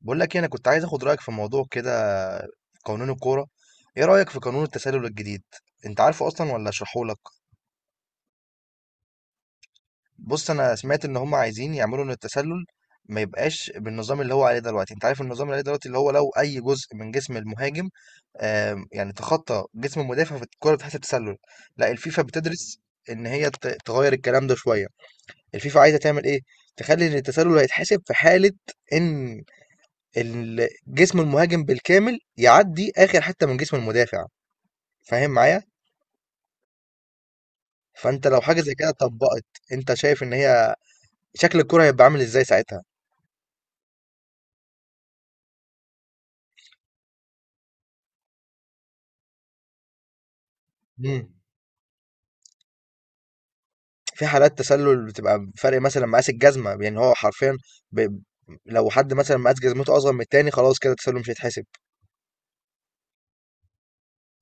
بقول لك إيه، انا كنت عايز اخد رايك في موضوع كده في قانون الكوره. ايه رايك في قانون التسلل الجديد؟ انت عارفه اصلا ولا اشرحه لك؟ بص، انا سمعت ان هم عايزين يعملوا ان التسلل ما يبقاش بالنظام اللي هو عليه دلوقتي. انت عارف النظام اللي عليه دلوقتي، اللي هو لو اي جزء من جسم المهاجم يعني تخطى جسم المدافع فالكوره بتحسب تسلل. لا، الفيفا بتدرس ان هي تغير الكلام ده شويه. الفيفا عايزه تعمل ايه؟ تخلي ان التسلل هيتحسب في حاله ان جسم المهاجم بالكامل يعدي اخر حته من جسم المدافع. فاهم معايا؟ فانت لو حاجه زي كده اتطبقت، انت شايف ان هي شكل الكره هيبقى عامل ازاي ساعتها؟ مم. في حالات تسلل بتبقى فرق مثلا مقاس الجزمه، يعني هو حرفيا ب... لو حد مثلا مقاس جزمته اصغر من التاني خلاص كده التسلل مش هيتحسب.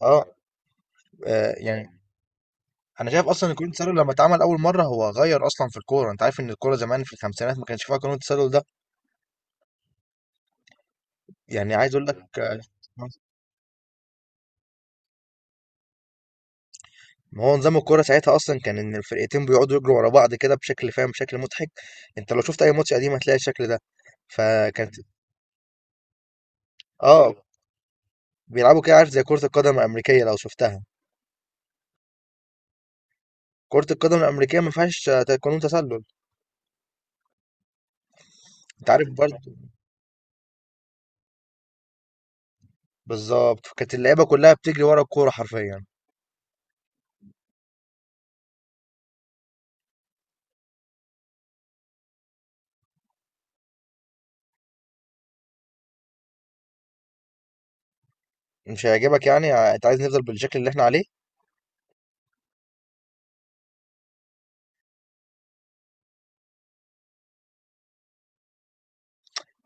اه، يعني انا شايف اصلا ان قانون التسلل لما اتعمل اول مره هو غير اصلا في الكوره. انت عارف ان الكوره زمان في الخمسينات ما كانش فيها قانون التسلل ده. يعني عايز اقول لك ما هو نظام الكورة ساعتها أصلًا كان إن الفرقتين بيقعدوا يجروا ورا بعض كده بشكل فاهم، بشكل مضحك. أنت لو شُفت أي ماتش قديم هتلاقي الشكل ده. فكانت آه، بيلعبوا كده، عارف زي كرة القدم الأمريكية لو شُفتها. كرة القدم الأمريكية ما فيهاش قانون تسلل. أنت عارف برضه، بالضبط، فكانت اللعيبة كلها بتجري ورا الكورة حرفيًا. مش هيعجبك؟ يعني أنت عايز نفضل بالشكل اللي إحنا عليه؟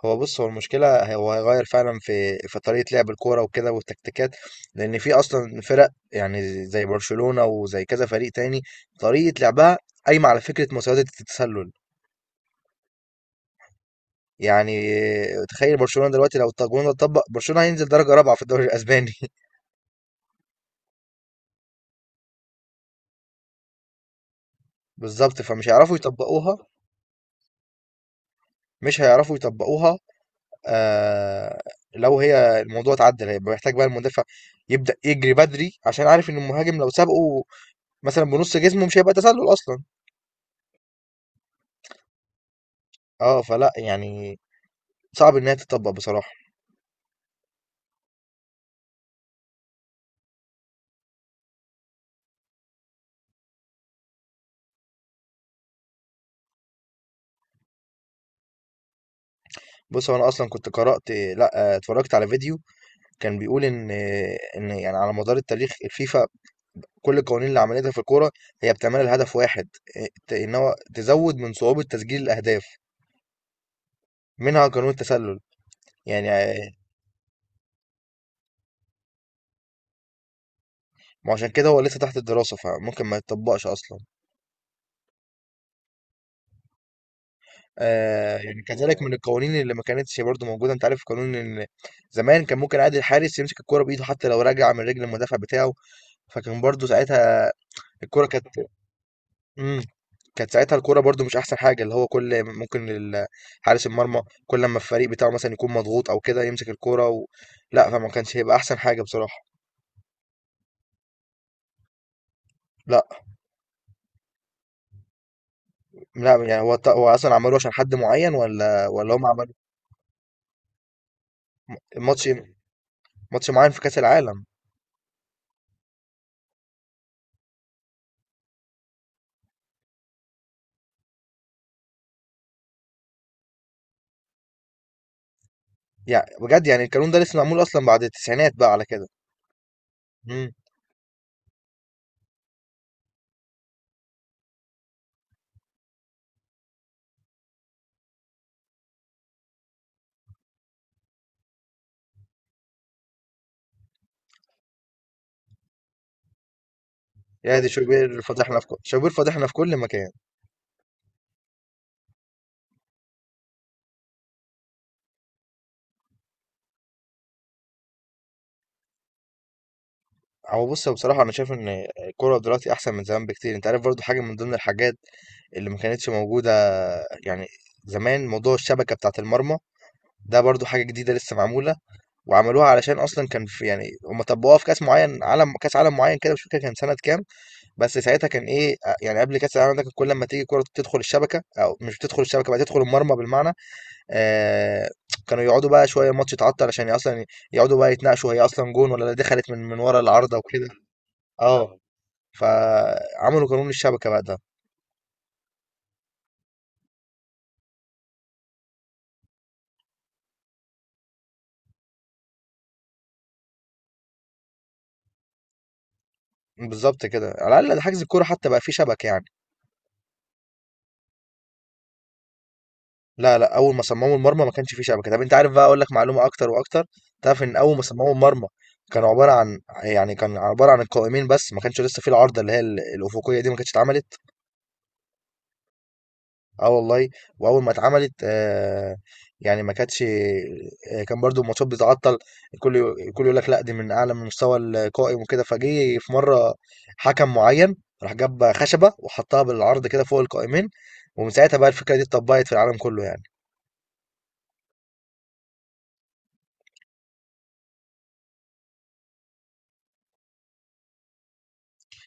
هو بص، هو المشكلة هو هيغير فعلا في طريقة لعب الكورة وكده والتكتيكات، لأن في أصلا فرق يعني زي برشلونة وزي كذا فريق تاني طريقة لعبها قايمة على فكرة مساواة التسلل. يعني تخيل برشلونة دلوقتي لو القانون ده اتطبق برشلونة هينزل درجة رابعة في الدوري الأسباني بالظبط، فمش هيعرفوا يطبقوها، مش هيعرفوا يطبقوها. آه، لو هي الموضوع اتعدل هيبقى محتاج بقى المدافع يبدأ يجري بدري عشان عارف إن المهاجم لو سابقه مثلا بنص جسمه مش هيبقى تسلل أصلا. فلأ يعني، صعب إن هي تتطبّق بصراحة. بُص، هو أنا أصلًا كنت قرأت، لأ، اتفرّجت على فيديو كان بيقول إن يعني على مدار التاريخ الفيفا كل القوانين اللي عملتها في الكورة هي بتعملها لهدف واحد، ت إن هو تزوّد من صعوبة تسجيل الأهداف، منها قانون التسلل. يعني ما هو عشان كده هو لسّه تحت الدراسة، فممكن ما يتطبّقش أصلًا. يعني كذلك من القوانين اللي ما كانتش برضه موجودة، أنت عارف قانون إن زمان كان ممكن عادي الحارس يمسك الكورة بإيده حتّى لو راجعة من رجل المدافع بتاعه. فكان برضه ساعتها الكوره كانت، امم كانت ساعتها الكوره برضو مش احسن حاجه، اللي هو كل ممكن حارس المرمى كل لما الفريق بتاعه مثلا يكون مضغوط او كده يمسك الكوره لا فما كانش هيبقى احسن حاجه بصراحه. لا، لا، يعني هو هو اصلا عملوه عشان حد معين ولا هم عملوا ماتش ماتش معين في كاس العالم. يعني بجد يعني القانون ده لسه معمول اصلا بعد التسعينات بقى على كده. امم. يا دي شوبير فضحنا في كل، شوبير فضحنا في كل مكان. هو بص، بصراحه انا شايف ان الكوره دلوقتي احسن من زمان بكتير. انت عارف برضو حاجه من ضمن الحاجات اللي ما كانتش موجودة، يعني زمان، موضوع الشبكة بتاعة المرمى ده برضو حاجة جديدة لسه معمولة. وعملوها علشان أصلا كان في، يعني هم طبقوها في كأس معين عالم، كأس عالم معين كده مش فاكر كان سنة كام. بس ساعتها كان إيه؟ يعني قبل كأس العالم ده كان كل ما تيجي كرة تدخل الشبكة أو مش بتدخل الشبكة بقى تدخل المرمى بالمعنى. آه كانوا يقعدوا بقى شوية الماتش يتعطل عشان أصلا يقعدوا بقى يتناقشوا هي أصلا جون ولا دخلت من ورا العارضة وكده. اه، فعملوا قانون الشبكة بقى ده. بالظبط كده، على الأقل ده حجز الكورة حتى بقى فيه شبكة يعني. لا لا، اول ما صمموا المرمى ما كانش فيه شبكه. طب انت عارف بقى، اقول لك معلومه اكتر واكتر، تعرف ان اول ما صمموا المرمى كان عباره عن، يعني كان عباره عن القائمين بس ما كانش لسه فيه العارضه اللي هي الافقيه دي ما كانتش اتعملت. اه، والله. واول ما اتعملت يعني ما كانتش، كان برضو الماتشات بتتعطل، الكل يقول لك لا دي من اعلى من مستوى القائم وكده. فجه في مره حكم معين راح جاب خشبه وحطها بالعرض كده فوق القائمين، ومن ساعتها بقى الفكره دي اتطبقت في العالم كله يعني.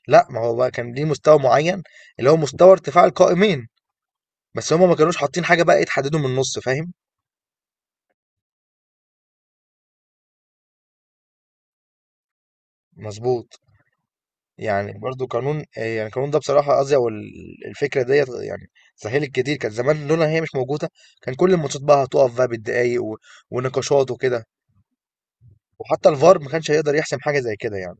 لأ، ما هو بقى كان ليه مستوى معيّن، اللي هو مستوى ارتفاع القائمين، بس هم ما كانوش حاطين حاجة بقى تحدّده من النُص، فاهم؟ مضبوط. يعني برضه قانون، يعني القانون ده بصراحة قصدي، أو الفكرة ديّة يعني سهّلِت كتير، كان زمان لولا إن هي مش موجودة كان كل الماتشات بقى هتُقف بقى بالدقايق، و ونقاشات وكده. وحتى الVAR ما كانش هيقدر يحسم حاجة زي كده يعني.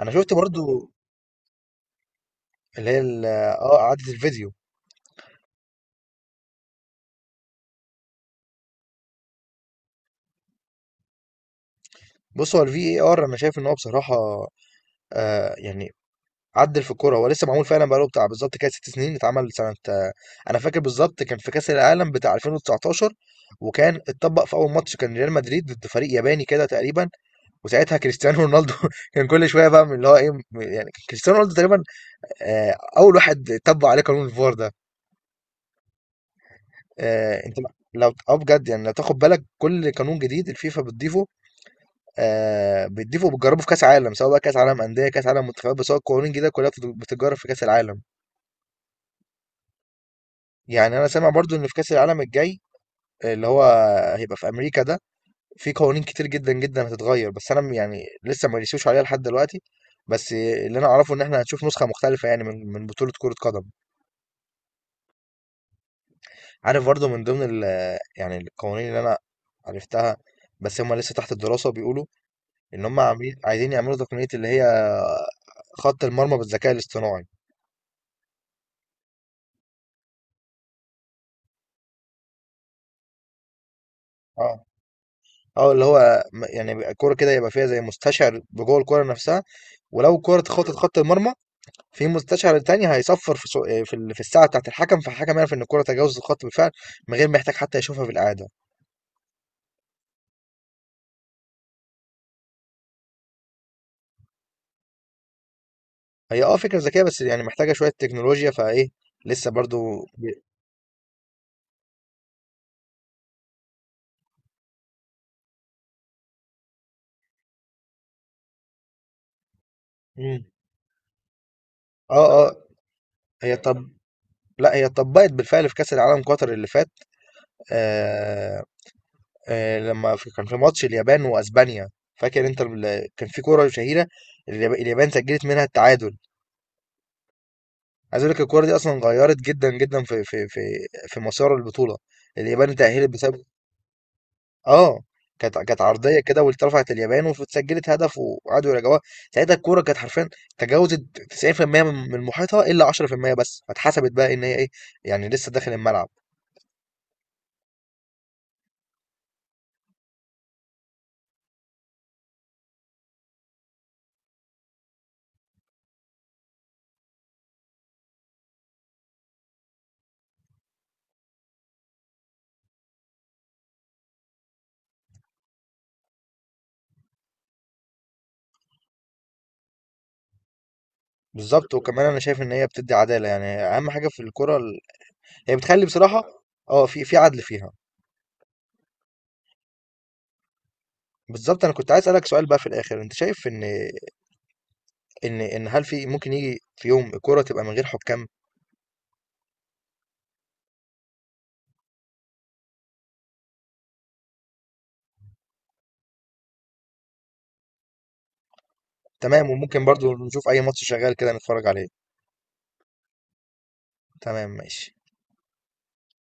أنا شُفت برضه اللي هي ال إعادة الفيديو. بُص، هو الVAR أنا شايف إن هو بصراحة يعني عدل في الكوره. هو لسه معمول فعلا بقاله بتاع بالظبط كده 6 سنين، اتعمل سنه انا فاكر بالظبط كان في كاس العالم بتاع 2019. وكان اتطبق في اول ماتش كان ريال مدريد ضد فريق ياباني كده تقريبا، وساعتها كريستيانو رونالدو كان كل شويه بقى من اللي هو ايه، يعني كريستيانو رونالدو تقريبا اول واحد طبق عليه قانون الفار ده. انت لو، اه بجد يعني، لو تاخد بالك كل قانون جديد الفيفا بتضيفه بتضيفه وبتجربه في كاس عالم، سواء بقى كاس عالم انديه كاس عالم منتخبات، بس هو القوانين الجديده كلها بتتجرب في كاس العالم. يعني انا سامع برضو ان في كاس العالم الجاي اللي هو هيبقى في امريكا ده في قوانين كتير جدا جدا هتتغير، بس انا يعني لسه ما رسيوش عليها لحد دلوقتي. بس اللي انا اعرفه ان احنا هنشوف نسخه مختلفه يعني من بطوله كره قدم. عارف برضو من ضمن يعني القوانين اللي انا عرفتها بس هم لسه تحت الدراسه، بيقولوا ان هم عاملين عايزين يعملوا تقنيه اللي هي خط المرمى بالذكاء الاصطناعي. اه، اه، اللي هو يعني بيبقى الكوره كده يبقى فيها زي مستشعر بجوه الكوره نفسها. ولو الكوره اتخطت خط المرمى في مستشعر تاني هيصفر في في في الساعه بتاعه الحكم، فالحكم يعرف ان الكره تجاوزت الخط بالفعل من غير ما يحتاج حتى يشوفها بالاعاده. هي اه، فكره ذكيه بس يعني محتاجه شويه تكنولوجيا فايه لسه برضو ب- مم. اه اه. هي طب، لا هي اتطبقت بالفعل في كاس العالم قطر اللي فات. آه آه، لما كان في ماتش اليابان واسبانيا، فاكر انت كان في كوره شهيره اليابان سجلت منها التعادل. عايز اقول لك الكوره دي اصلا غيرت جدا جدا في مسار البطوله. اليابان تأهلت بسبب اه، كانت، كانت عرضيه كده واترفعت اليابان واتسجلت هدف وقعدوا يراجعوها. ساعتها الكوره كانت حرفيا تجاوزت 90% من محيطها الا 10% بس، فاتحسبت بقى ان هي ايه، يعني لسه داخل الملعب. بالظبط، وكمان انا شايف ان هي بتدي عداله يعني اهم حاجه في الكوره ال... هي بتخلي بصراحه اه في عدل فيها. بالظبط، انا كنت عايز اسالك سؤال بقى في الاخر، انت شايف ان ان هل في ممكن يجي في يوم الكوره تبقى من غير حكام؟ تمام، وممكن برضو نشوف اي ماتش شغال كده نتفرج عليه. تمام ماشي.